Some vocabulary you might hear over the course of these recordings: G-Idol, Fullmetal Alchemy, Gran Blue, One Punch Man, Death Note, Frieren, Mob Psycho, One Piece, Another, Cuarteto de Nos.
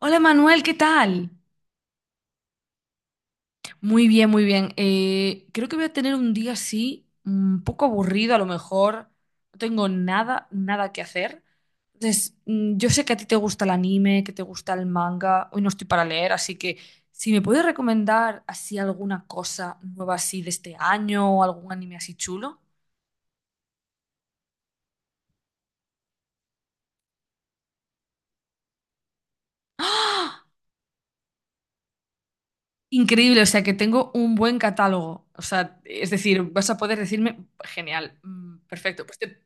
Hola Manuel, ¿qué tal? Muy bien, muy bien. Creo que voy a tener un día así, un poco aburrido a lo mejor. No tengo nada que hacer. Entonces, yo sé que a ti te gusta el anime, que te gusta el manga. Hoy no estoy para leer, así que si me puedes recomendar así alguna cosa nueva así de este año o algún anime así chulo. ¡Ah! Increíble, o sea que tengo un buen catálogo. O sea, es decir, vas a poder decirme, genial, perfecto. Pues te,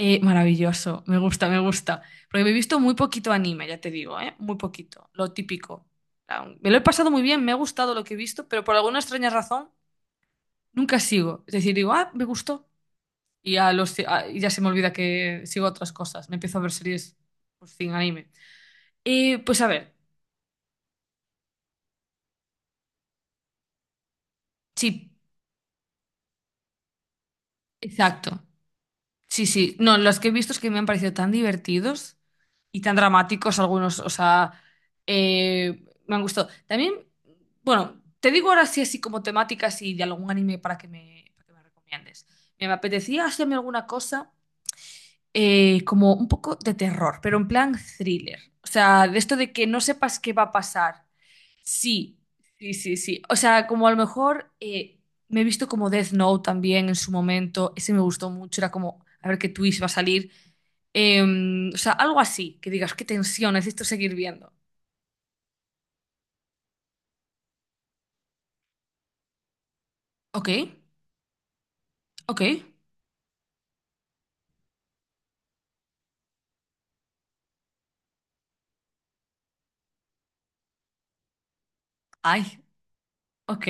Maravilloso, me gusta, me gusta. Porque me he visto muy poquito anime, ya te digo, ¿eh? Muy poquito, lo típico. Me lo he pasado muy bien, me ha gustado lo que he visto, pero por alguna extraña razón nunca sigo. Es decir, digo, ah, me gustó. Y ya se me olvida que sigo otras cosas. Me empiezo a ver series pues, sin anime. Pues a ver, sí, exacto. Sí, sí. No, los que he visto es que me han parecido tan divertidos y tan dramáticos algunos. O sea, me han gustado. También, bueno, te digo ahora sí así como temáticas y de algún anime para que me recomiendes. Me apetecía hacerme alguna cosa como un poco de terror, pero en plan thriller. O sea, de esto de que no sepas qué va a pasar. Sí, sí, sí, sí. O sea, como a lo mejor me he visto como Death Note también en su momento. Ese me gustó mucho. Era como, a ver qué twist va a salir. O sea, algo así, que digas, qué tensión, necesito seguir viendo. Ok, ok. Ay, ok,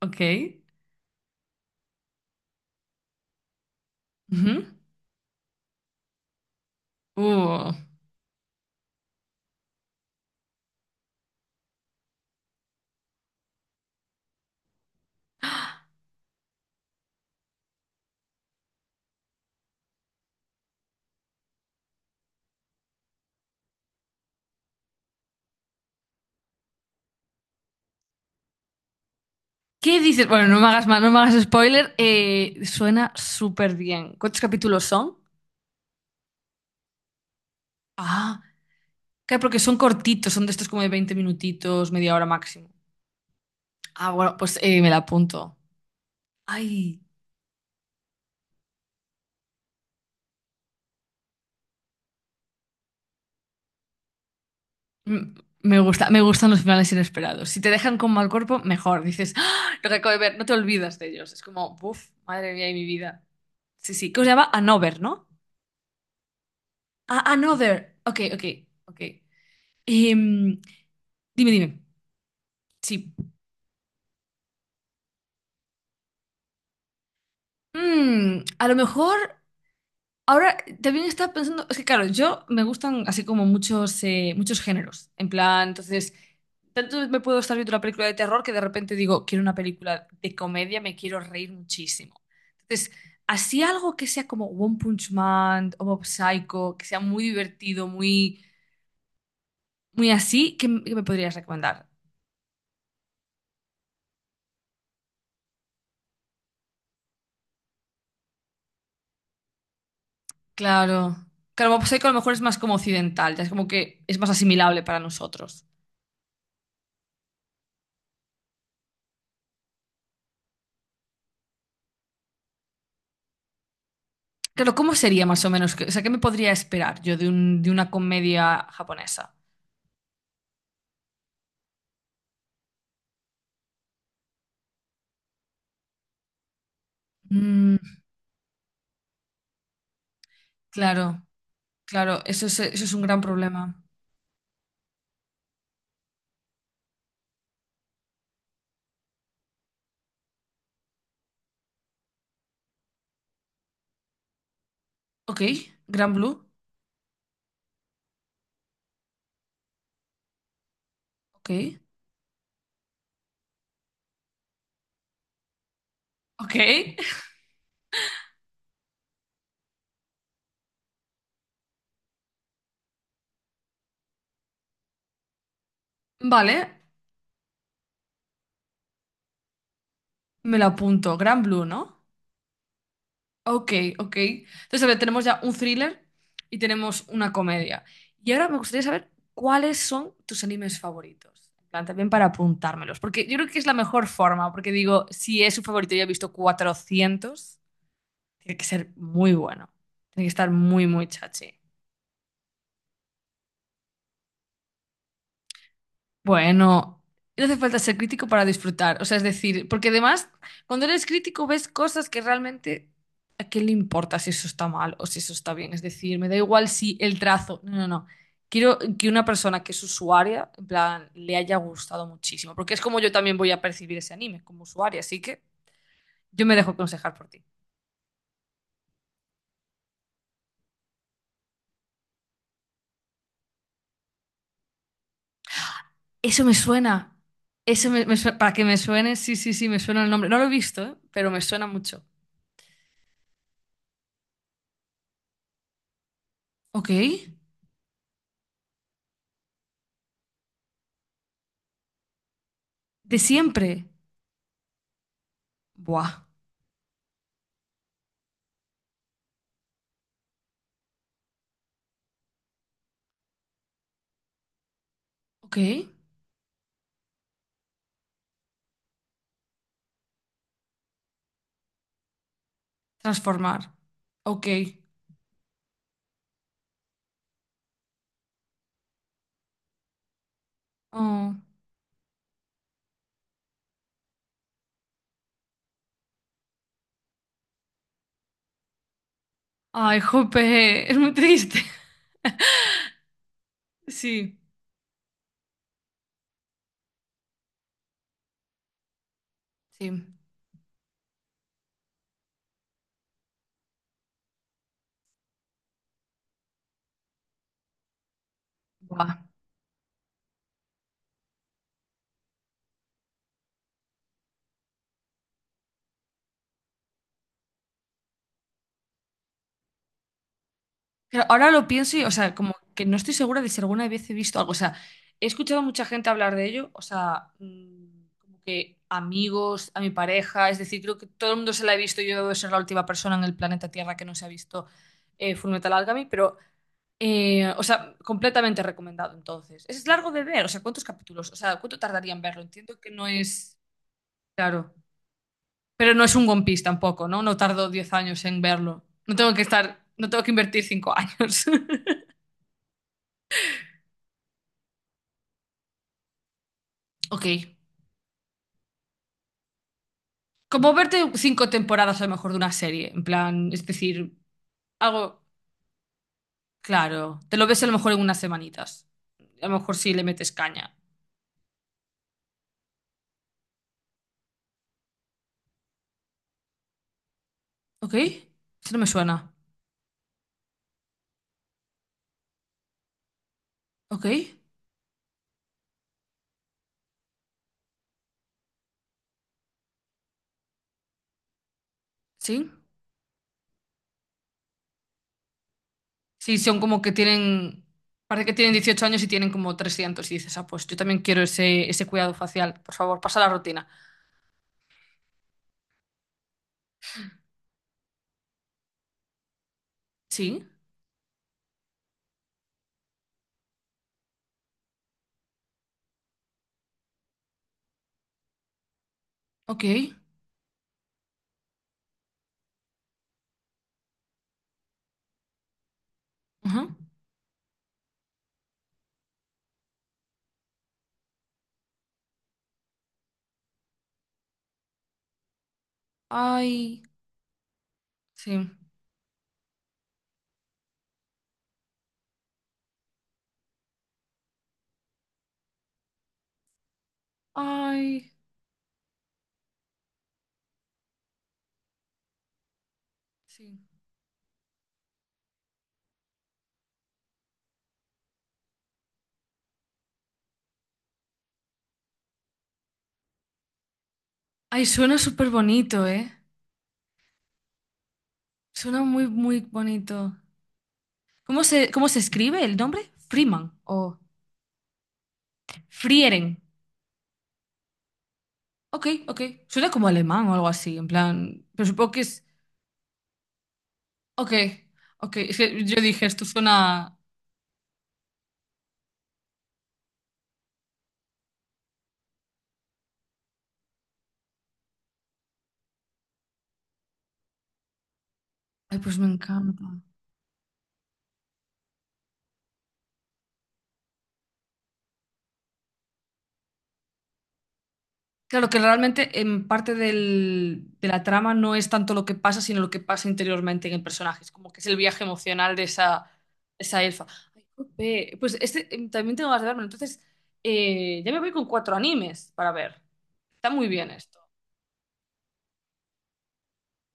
ok. Ujú. Uh. ¿Qué dices? Bueno, no me hagas más, no me hagas spoiler. Suena súper bien. ¿Cuántos capítulos son? Ah, claro, porque son cortitos, son de estos como de 20 minutitos, media hora máximo. Bueno, pues me la apunto. Ay, m- me gusta, me gustan los finales inesperados. Si te dejan con mal cuerpo, mejor. Dices, ¡ah! Lo que acabo de ver, no te olvidas de ellos. Es como, buf, madre mía y mi vida. Sí, sí, que se llama Another, ¿no? Another. Ok, ok, ok. Em, dime, dime. Sí. A lo mejor. Ahora también estaba pensando, es que claro, yo me gustan así como muchos, muchos géneros. En plan, entonces, tanto me puedo estar viendo una película de terror que de repente digo, quiero una película de comedia, me quiero reír muchísimo. Entonces, así algo que sea como One Punch Man o Mob Psycho, que sea muy divertido, muy, muy así, ¿qué me podrías recomendar? Claro. Claro, Mob Psycho a lo mejor es más como occidental, ya es como que es más asimilable para nosotros. Claro, ¿cómo sería más o menos? O sea, ¿qué me podría esperar yo de una comedia japonesa? Mm, claro, claro, eso es un gran problema. Ok, Gran Blue, ok, ok. Vale, me la apunto, Gran Blue, ¿no? Ok, ok. Entonces, a ver, tenemos ya un thriller y tenemos una comedia. Y ahora me gustaría saber cuáles son tus animes favoritos. En plan, también para apuntármelos, porque yo creo que es la mejor forma, porque digo, si es un favorito, ya he visto 400. Tiene que ser muy bueno. Tiene que estar muy, muy chachi. Bueno, no hace falta ser crítico para disfrutar. O sea, es decir, porque además, cuando eres crítico ves cosas que realmente a qué le importa si eso está mal o si eso está bien. Es decir, me da igual si el trazo. No, no, no. Quiero que una persona que es usuaria, en plan, le haya gustado muchísimo. Porque es como yo también voy a percibir ese anime como usuaria. Así que yo me dejo aconsejar por ti. Eso me suena. Eso me suena. Para que me suene, sí, sí, sí, me suena el nombre. No lo he visto, ¿eh? Pero me suena mucho. Ok. De siempre. Buah. Ok. Transformar. Ok. Oh. Ay, jope. Es muy triste. Sí. Sí. Buah. Pero ahora lo pienso y, o sea, como que no estoy segura de si alguna vez he visto algo. O sea, he escuchado a mucha gente hablar de ello, o sea, como que amigos, a mi pareja, es decir, creo que todo el mundo se la ha visto. Yo debo de ser la última persona en el planeta Tierra que no se ha visto Fullmetal Alchemy, pero, o sea, completamente recomendado entonces. Es largo de ver, o sea, ¿cuántos capítulos? O sea, ¿cuánto tardaría en verlo? Entiendo que no es, claro, pero no es un One Piece tampoco, ¿no? No tardo 10 años en verlo. No tengo que estar, no tengo que invertir 5 años. Ok. Como verte 5 temporadas a lo mejor de una serie, en plan, es decir, algo claro, te lo ves a lo mejor en unas semanitas, a lo mejor si le metes caña. ¿Ok? Eso no me suena. ¿Ok? ¿Sí? Sí, son como que tienen, parece que tienen 18 años y tienen como 300 y dices, ah, pues yo también quiero ese, cuidado facial, por favor, pasa la rutina. Sí, ok. Ajá. Ay, sí. Ay, sí. Ay, suena súper bonito, ¿eh? Suena muy, muy bonito. ¿Cómo se escribe el nombre? Freeman o Frieren. Ok, ok. Suena como alemán o algo así, en plan. Pero supongo que es. Ok, ok. Es que yo dije, esto suena. Ay, pues me encanta. Claro que realmente en parte de la trama no es tanto lo que pasa, sino lo que pasa interiormente en el personaje. Es como que es el viaje emocional de esa, elfa. Ay, jope. Pues este también tengo ganas de verlo. Entonces, ya me voy con 4 animes para ver. Está muy bien esto.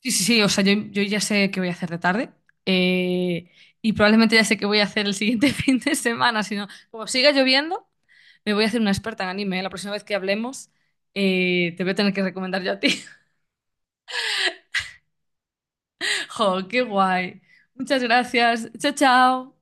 Sí, sí, sí, o sea, yo ya sé qué voy a hacer de tarde eh, y probablemente ya sé qué voy a hacer el siguiente fin de semana, si no, como siga lloviendo, me voy a hacer una experta en anime, ¿eh? La próxima vez que hablemos te voy a tener que recomendar yo a ti. ¡Jo, qué guay! Muchas gracias. Chao, chao.